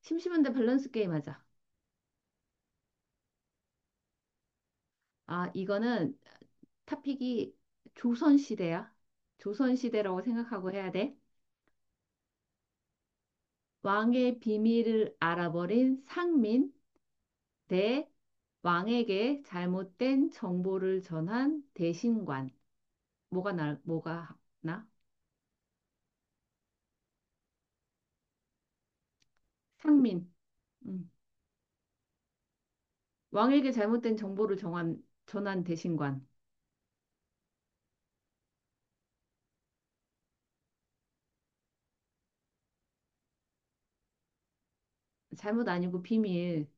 심심한데 밸런스 게임 하자. 아, 이거는 탑픽이 조선시대야. 조선시대라고 생각하고 해야 돼. 왕의 비밀을 알아버린 상민 대 왕에게 잘못된 정보를 전한 대신관. 뭐가 나? 상민. 음. 왕에게 잘못된 정보를 전한 대신관. 잘못 아니고 비밀.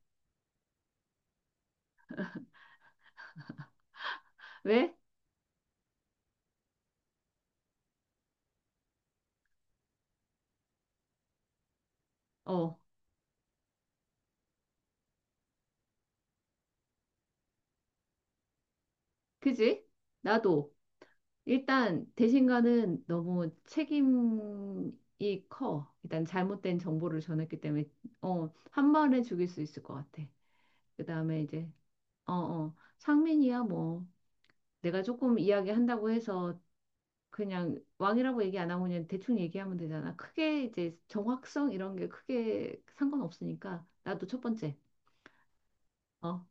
왜? 어, 그지? 나도. 일단 대신가는 너무 책임이 커. 일단 잘못된 정보를 전했기 때문에 어, 한 번에 죽일 수 있을 것 같아. 그다음에 이제 상민이야 뭐 내가 조금 이야기한다고 해서 그냥 왕이라고 얘기 안 하고 그냥 대충 얘기하면 되잖아. 크게 이제 정확성 이런 게 크게 상관없으니까 나도 첫 번째. 어.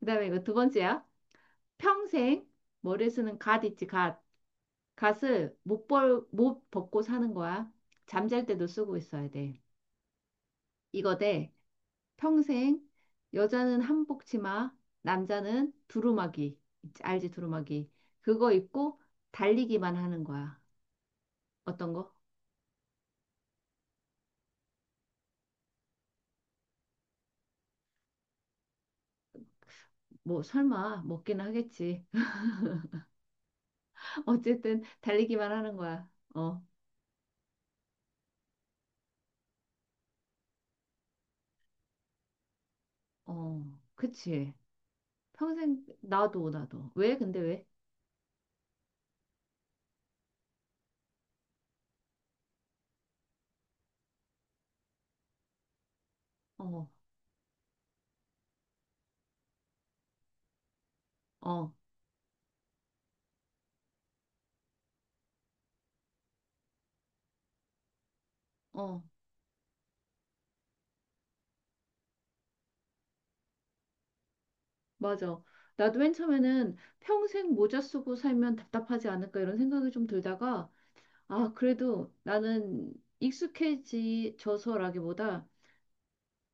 그다음에 이거 두 번째야. 평생 머리에 쓰는 갓 있지, 갓. 갓을 못 벗고 사는 거야. 잠잘 때도 쓰고 있어야 돼. 이거 대 평생 여자는 한복 치마, 남자는 두루마기. 알지, 두루마기. 그거 입고 달리기만 하는 거야. 어떤 거? 뭐 설마 먹기는 하겠지. 어쨌든 달리기만 하는 거야. 어, 그치. 평생 나도 나도. 왜? 근데 왜? 어, 어, 어. 맞아. 나도 맨 처음에는 평생 모자 쓰고 살면 답답하지 않을까 이런 생각이 좀 들다가, 아, 그래도 나는 익숙해지져서라기보다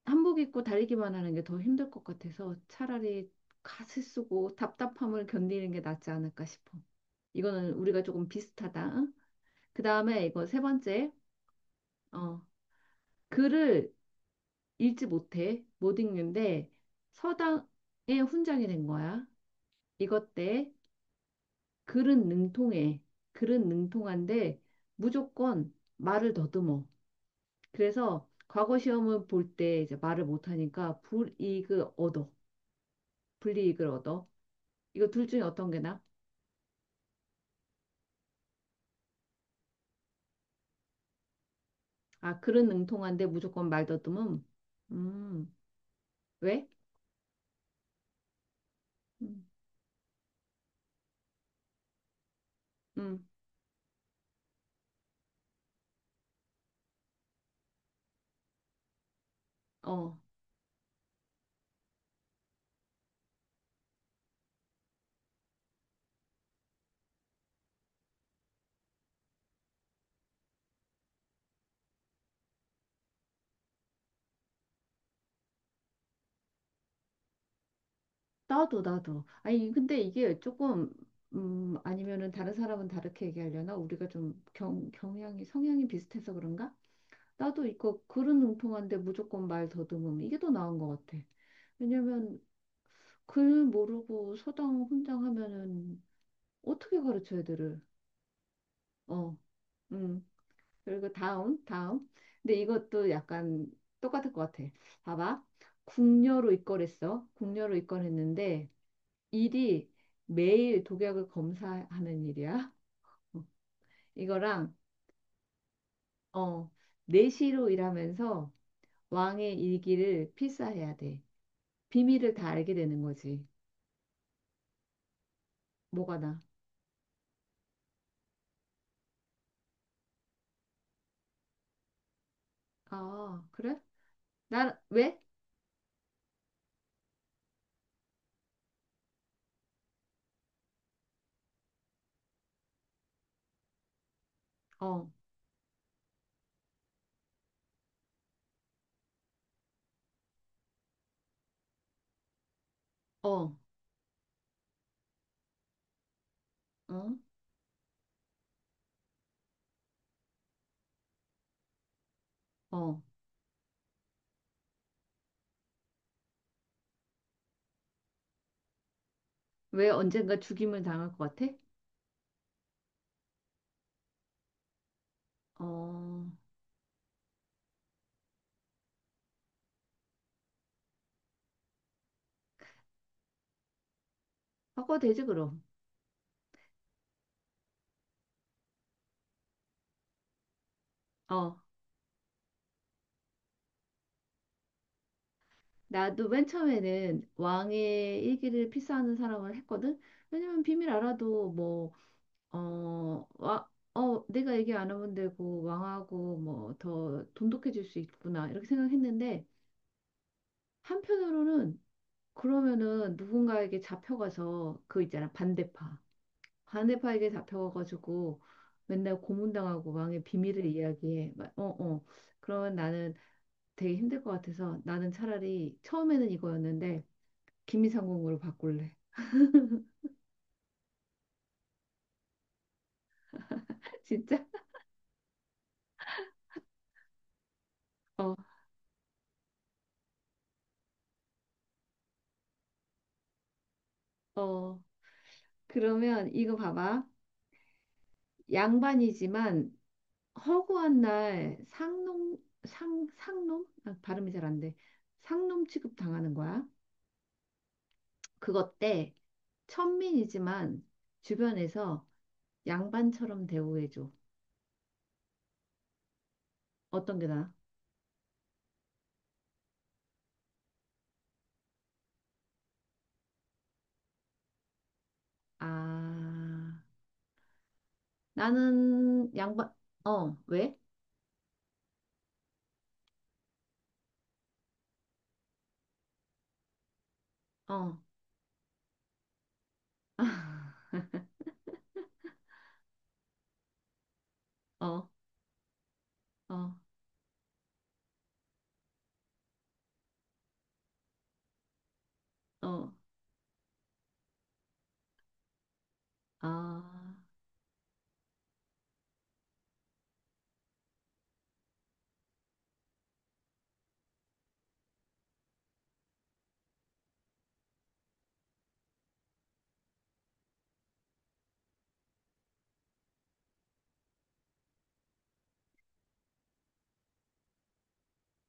한복 입고 달리기만 하는 게 더 힘들 것 같아서 차라리 갓을 쓰고 답답함을 견디는 게 낫지 않을까 싶어. 이거는 우리가 조금 비슷하다. 그 다음에 이거 세 번째, 어, 글을 읽지 못해. 못 읽는데 서당의 훈장이 된 거야. 이것 때 글은 능통해. 글은 능통한데 무조건 말을 더듬어. 그래서 과거 시험을 볼 때 이제 말을 못하니까 불이익을 얻어. 불이익을 얻어. 이거 둘 중에 어떤 게 나? 아, 글은 능통한데 무조건 말 더듬음. 음, 왜? 음, 음, 어. 나도. 아니, 근데 이게 조금, 아니면은 다른 사람은 다르게 얘기하려나? 우리가 좀 경향이, 성향이 비슷해서 그런가? 나도 이거 글은 능통한데 무조건 말 더듬음 이게 더 나은 것 같아. 왜냐면 글 모르고 서당 혼장 하면은 어떻게 가르쳐 애들을? 어, 음. 그리고 다음. 근데 이것도 약간 똑같을 것 같아. 봐봐. 궁녀로 입건했어. 궁녀로 입건했는데 일이 매일 독약을 검사하는 일이야. 어, 이거랑 어, 내시로 일하면서 왕의 일기를 필사해야 돼. 비밀을 다 알게 되는 거지. 뭐가 나? 아, 그래? 나, 왜? 어, 어, 어, 어. 왜 언젠가 죽임을 당할 것 같아? 어, 바꿔되지, 그럼. 어, 나도 맨 처음에는 왕의 일기를 필사하는 사람을 했거든? 왜냐면 비밀 알아도 뭐, 어, 와, 어, 내가 얘기 안 하면 되고, 왕하고 뭐 더 돈독해질 수 있구나, 이렇게 생각했는데, 한편으로는 그러면은 누군가에게 잡혀가서 그 있잖아, 반대파. 반대파에게 잡혀가지고 맨날 고문당하고 왕의 비밀을 이야기해. 막, 어, 어. 그러면 나는 되게 힘들 것 같아서 나는 차라리 처음에는 이거였는데 김미상공으로 바꿀래. 진짜? 어, 어. 그러면 이거 봐봐. 양반이지만 허구한 날 상놈? 아, 발음이 잘 안 돼. 상놈 취급 당하는 거야. 그것 때 천민이지만 주변에서 양반처럼 대우해줘. 어떤 게 나아? 아, 나는 양반, 어, 왜? 어, 아, 어, 어, 어, 아,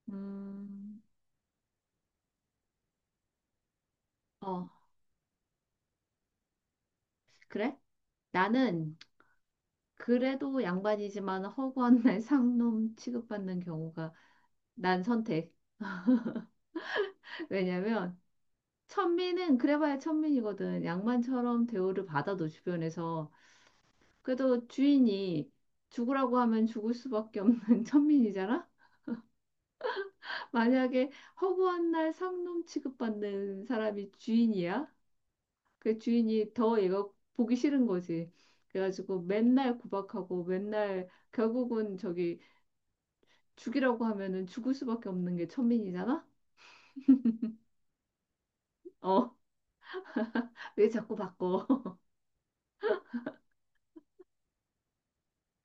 음, 어, 그래? 나는 그래도 양반이지만 허구한 날 상놈 취급받는 경우가 난 선택. 왜냐면 천민은 그래봐야 천민이거든. 양반처럼 대우를 받아도 주변에서 그래도 주인이 죽으라고 하면 죽을 수밖에 없는 천민이잖아. 만약에 허구한 날 상놈 취급받는 사람이 주인이야? 그 주인이 더 얘가 보기 싫은 거지. 그래가지고 맨날 구박하고 맨날 결국은 저기 죽이라고 하면은 죽을 수밖에 없는 게 천민이잖아? 어, 왜 자꾸 바꿔?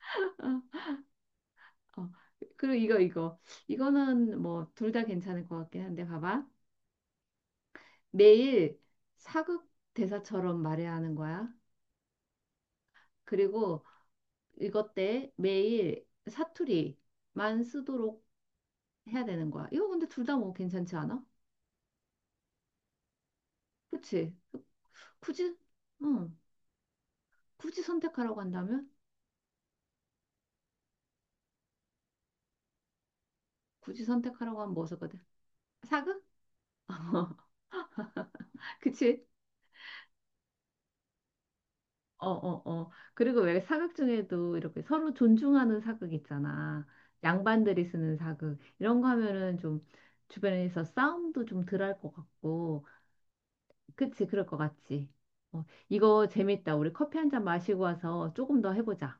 어, 그리고 이거 이거는 뭐 둘 다 괜찮을 것 같긴 한데 봐봐 매일 사극 대사처럼 말해야 하는 거야 그리고 이것 때 매일 사투리만 쓰도록 해야 되는 거야. 이거 근데 둘 다 뭐 괜찮지 않아? 그치? 굳이, 응, 굳이 선택하라고 한다면? 굳이 선택하라고 하면 뭐 쓰거든? 사극? 그치? 어, 어, 어. 그리고 왜 사극 중에도 이렇게 서로 존중하는 사극 있잖아. 양반들이 쓰는 사극. 이런 거 하면은 좀 주변에서 싸움도 좀 덜 할 것 같고. 그치? 그럴 것 같지? 어, 이거 재밌다. 우리 커피 한 잔 마시고 와서 조금 더 해보자.